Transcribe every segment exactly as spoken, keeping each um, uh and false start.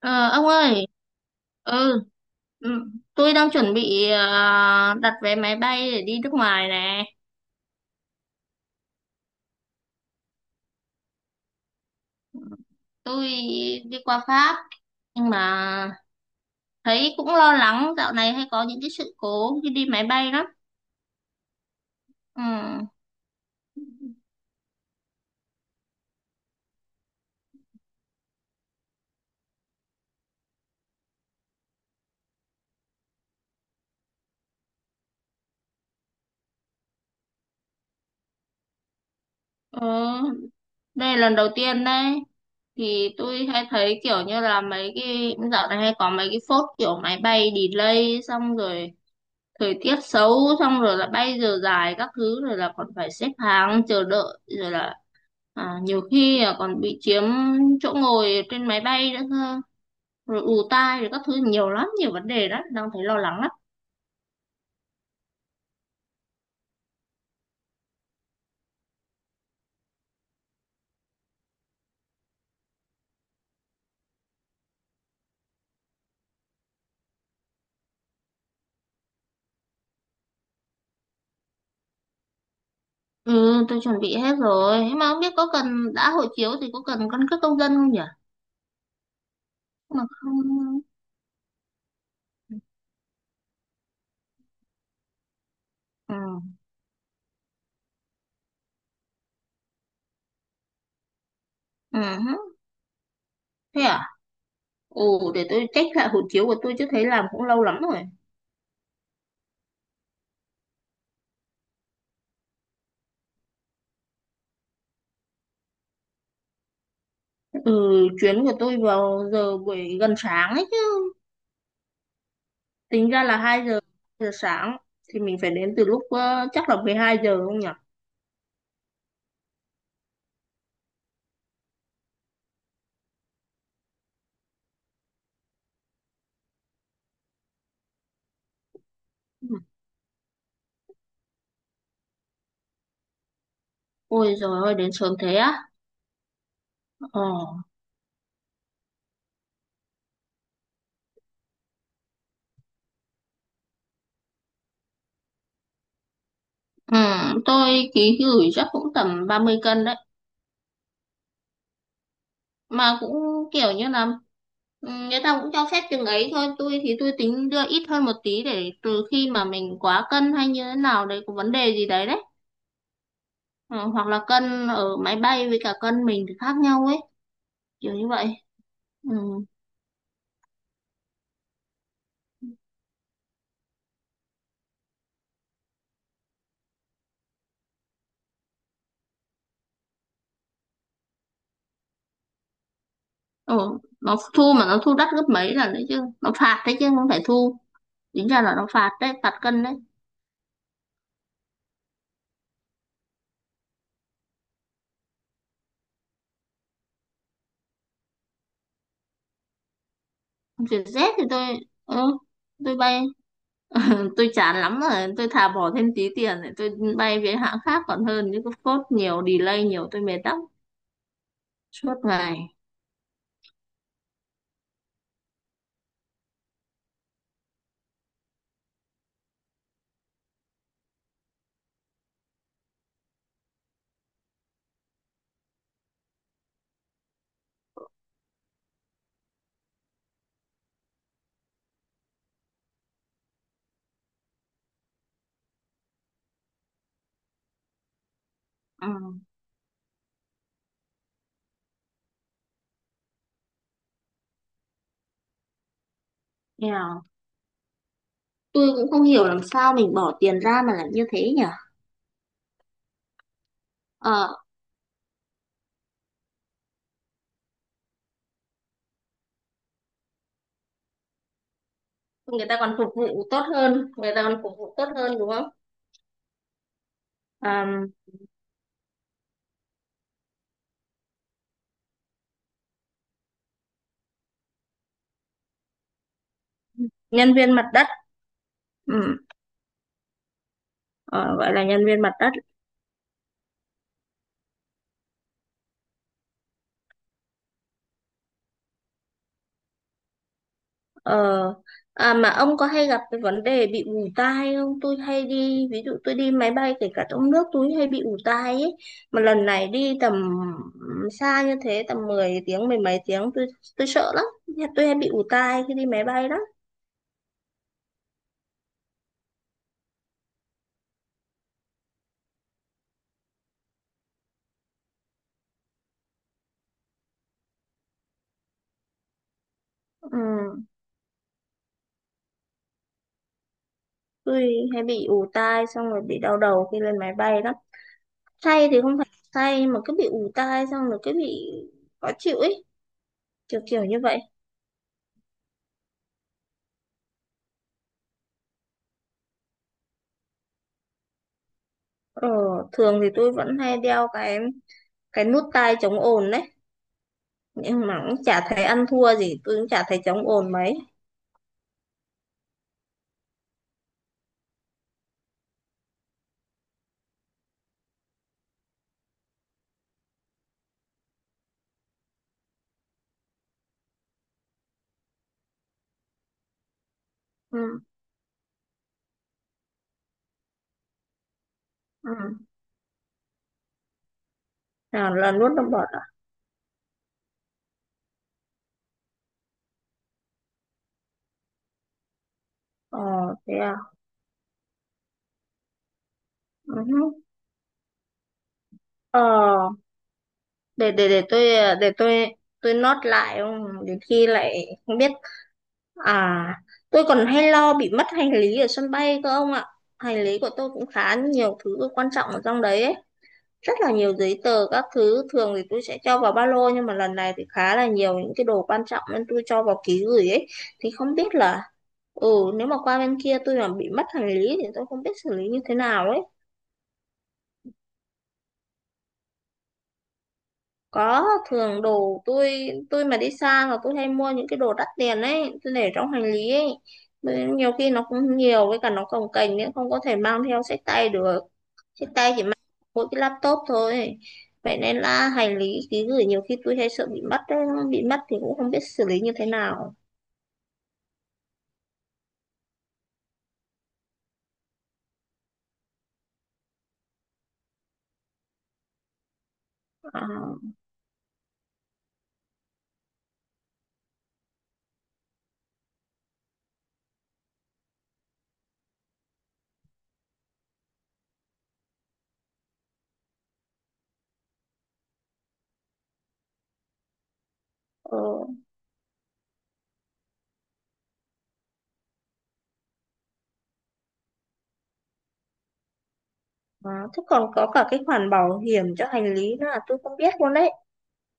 Ờ, ông ơi, ừ, ừ, tôi đang chuẩn bị, à, đặt vé máy bay để đi nước ngoài nè. Tôi đi qua Pháp, nhưng mà thấy cũng lo lắng, dạo này hay có những cái sự cố khi đi máy bay lắm. Ừ, ừ, đây là lần đầu tiên đấy. Thì tôi hay thấy kiểu như là mấy cái dạo này hay có mấy cái phốt, kiểu máy bay delay xong rồi thời tiết xấu, xong rồi là bay giờ dài các thứ, rồi là còn phải xếp hàng chờ đợi, rồi là à, nhiều khi là còn bị chiếm chỗ ngồi trên máy bay nữa cơ, rồi ù tai rồi các thứ, nhiều lắm, nhiều vấn đề đó, đang thấy lo lắng lắm. Ừ, tôi chuẩn bị hết rồi, nhưng mà không biết có cần, đã hộ chiếu thì có cần căn cước công dân không nhỉ? Mà không. Ừ. Ừ hứ. Thế à? Ồ, để tôi check lại hộ chiếu của tôi chứ, thấy làm cũng lâu lắm rồi. Ừ, chuyến của tôi vào giờ buổi gần sáng ấy. Tính ra là hai giờ, hai giờ sáng, thì mình phải đến từ lúc, ờ, chắc là mười hai giờ không nhỉ? Ừ. Ôi giời ơi, đến sớm thế á. Ờ. Ừ, tôi ký gửi chắc cũng tầm ba mươi cân đấy. Mà cũng kiểu như là, ừ, người ta cũng cho phép chừng ấy thôi. Tôi thì tôi tính đưa ít hơn một tí, để từ khi mà mình quá cân hay như thế nào đấy, có vấn đề gì đấy đấy. Ừ, hoặc là cân ở máy bay với cả cân mình thì khác nhau ấy. Kiểu như vậy. Ừ. Ừ. Nó thu mà nó thu đắt gấp mấy lần đấy chứ. Nó phạt đấy chứ không phải thu. Tính ra là nó phạt đấy, phạt cân đấy. Chuyển Z thì tôi, ừ, tôi bay tôi chán lắm rồi, tôi thà bỏ thêm tí tiền để tôi bay với hãng khác còn hơn, chứ cứ phốt nhiều, delay nhiều, tôi mệt lắm, suốt ngày. Ừ. Nghèo. Tôi cũng không hiểu làm sao mình bỏ tiền ra mà lại như thế nhỉ. Ờ, người ta còn phục vụ tốt hơn, người ta còn phục vụ tốt hơn, đúng không? à, Nhân viên mặt đất. Ừ. Ờ, gọi là nhân viên mặt đất. Ờ, à mà ông có hay gặp cái vấn đề bị ù tai không? Tôi hay đi, ví dụ tôi đi máy bay kể cả trong nước, tôi hay bị ù tai ấy. Mà lần này đi tầm xa như thế, tầm mười tiếng, mười mấy tiếng, tôi tôi sợ lắm. Tôi hay bị ù tai khi đi máy bay lắm. Ừ, tôi hay bị ù tai xong rồi bị đau đầu khi lên máy bay lắm. Say thì không phải say, mà cứ bị ù tai xong rồi cứ bị khó chịu ấy, kiểu kiểu như vậy. Ờ, thường thì tôi vẫn hay đeo cái cái nút tai chống ồn đấy, nhưng mà cũng chả thấy ăn thua gì, tôi cũng chả thấy chống ồn mấy. Ừ, ừ. À, là nuốt đông bọt à? Ờ. Thế à. Ừ. Ờ, để để để tôi để tôi tôi nốt lại, không đến khi lại không biết. À, tôi còn hay lo bị mất hành lý ở sân bay cơ ông ạ. Hành lý của tôi cũng khá nhiều thứ quan trọng ở trong đấy ấy. Rất là nhiều giấy tờ các thứ, thường thì tôi sẽ cho vào ba lô, nhưng mà lần này thì khá là nhiều những cái đồ quan trọng nên tôi cho vào ký gửi ấy. Thì không biết là, ừ nếu mà qua bên kia tôi mà bị mất hành lý thì tôi không biết xử lý như thế nào ấy. Có, thường đồ tôi tôi mà đi xa là tôi hay mua những cái đồ đắt tiền ấy, tôi để trong hành lý ấy. Bởi nhiều khi nó cũng nhiều, với cả nó cồng kềnh nên không có thể mang theo xách tay được. Trên tay chỉ mang mỗi cái laptop thôi. Vậy nên là hành lý ký gửi nhiều khi tôi hay sợ bị mất đấy. Bị mất thì cũng không biết xử lý như thế nào. À, ờ, à, thế còn có cả cái khoản bảo hiểm cho hành lý nữa là tôi không biết luôn đấy.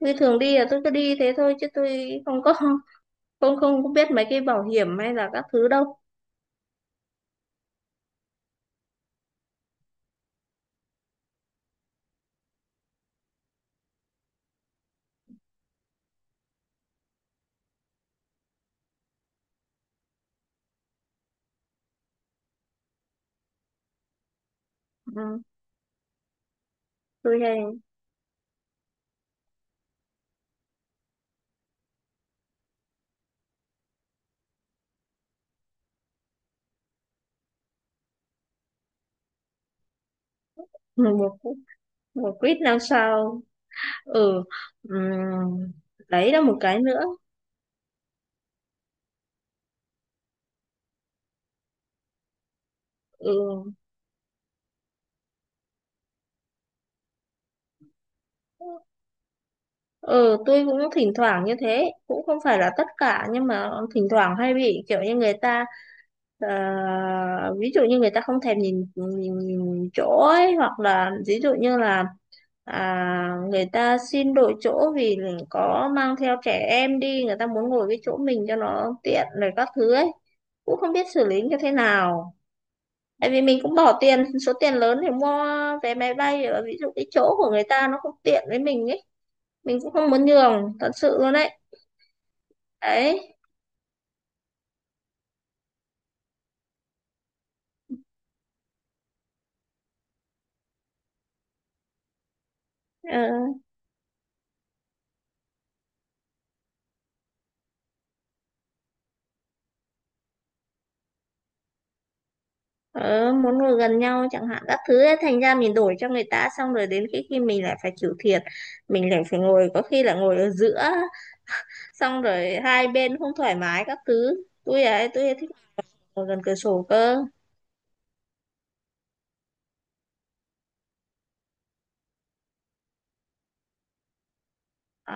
Tôi thường đi là tôi cứ đi thế thôi, chứ tôi không có không không có biết mấy cái bảo hiểm hay là các thứ đâu. Ừ, tôi hay một một quýt năm sao. Ừ, ừm, đấy là một cái nữa. Ừ. Ừ, tôi cũng thỉnh thoảng như thế, cũng không phải là tất cả nhưng mà thỉnh thoảng hay bị kiểu như người ta, ờ, ví dụ như người ta không thèm nhìn, nhìn, nhìn chỗ ấy, hoặc là ví dụ như là à, người ta xin đổi chỗ vì có mang theo trẻ em đi, người ta muốn ngồi cái chỗ mình cho nó tiện rồi các thứ ấy. Cũng không biết xử lý như thế nào. Tại vì mình cũng bỏ tiền, số tiền lớn để mua vé máy bay, ở ví dụ cái chỗ của người ta nó không tiện với mình ấy, mình cũng không muốn nhường thật sự luôn đấy đấy ờ, ờ, Muốn ngồi gần nhau chẳng hạn, các thứ ấy. Thành ra mình đổi cho người ta, xong rồi đến khi khi mình lại phải chịu thiệt, mình lại phải ngồi có khi là ngồi ở giữa, xong rồi hai bên không thoải mái các thứ. Tôi ấy tôi ấy, thích ngồi gần cửa sổ cơ. Ờ.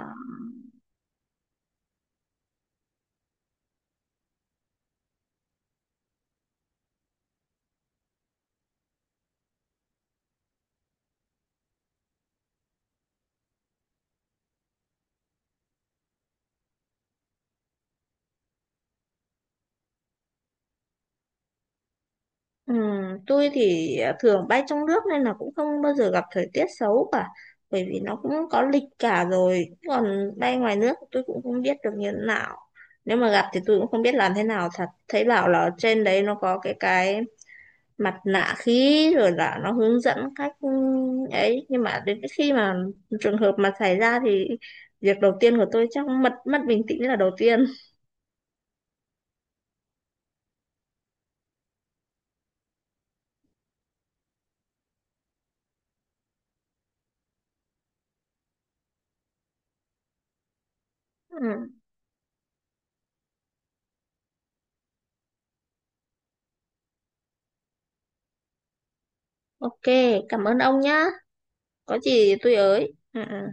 Ừ, tôi thì à, thường bay trong nước nên là cũng không bao giờ gặp thời tiết xấu cả, bởi vì nó cũng có lịch cả rồi. Còn bay ngoài nước tôi cũng không biết được như thế nào, nếu mà gặp thì tôi cũng không biết làm thế nào thật. Thấy bảo là trên đấy nó có cái cái mặt nạ khí, rồi là nó hướng dẫn cách, ừ, ấy, nhưng mà đến cái khi mà trường hợp mà xảy ra thì việc đầu tiên của tôi chắc mất mất bình tĩnh là đầu tiên. Ừ. Ok, cảm ơn ông nhá. Có gì tôi ới. Ừ. Ừ.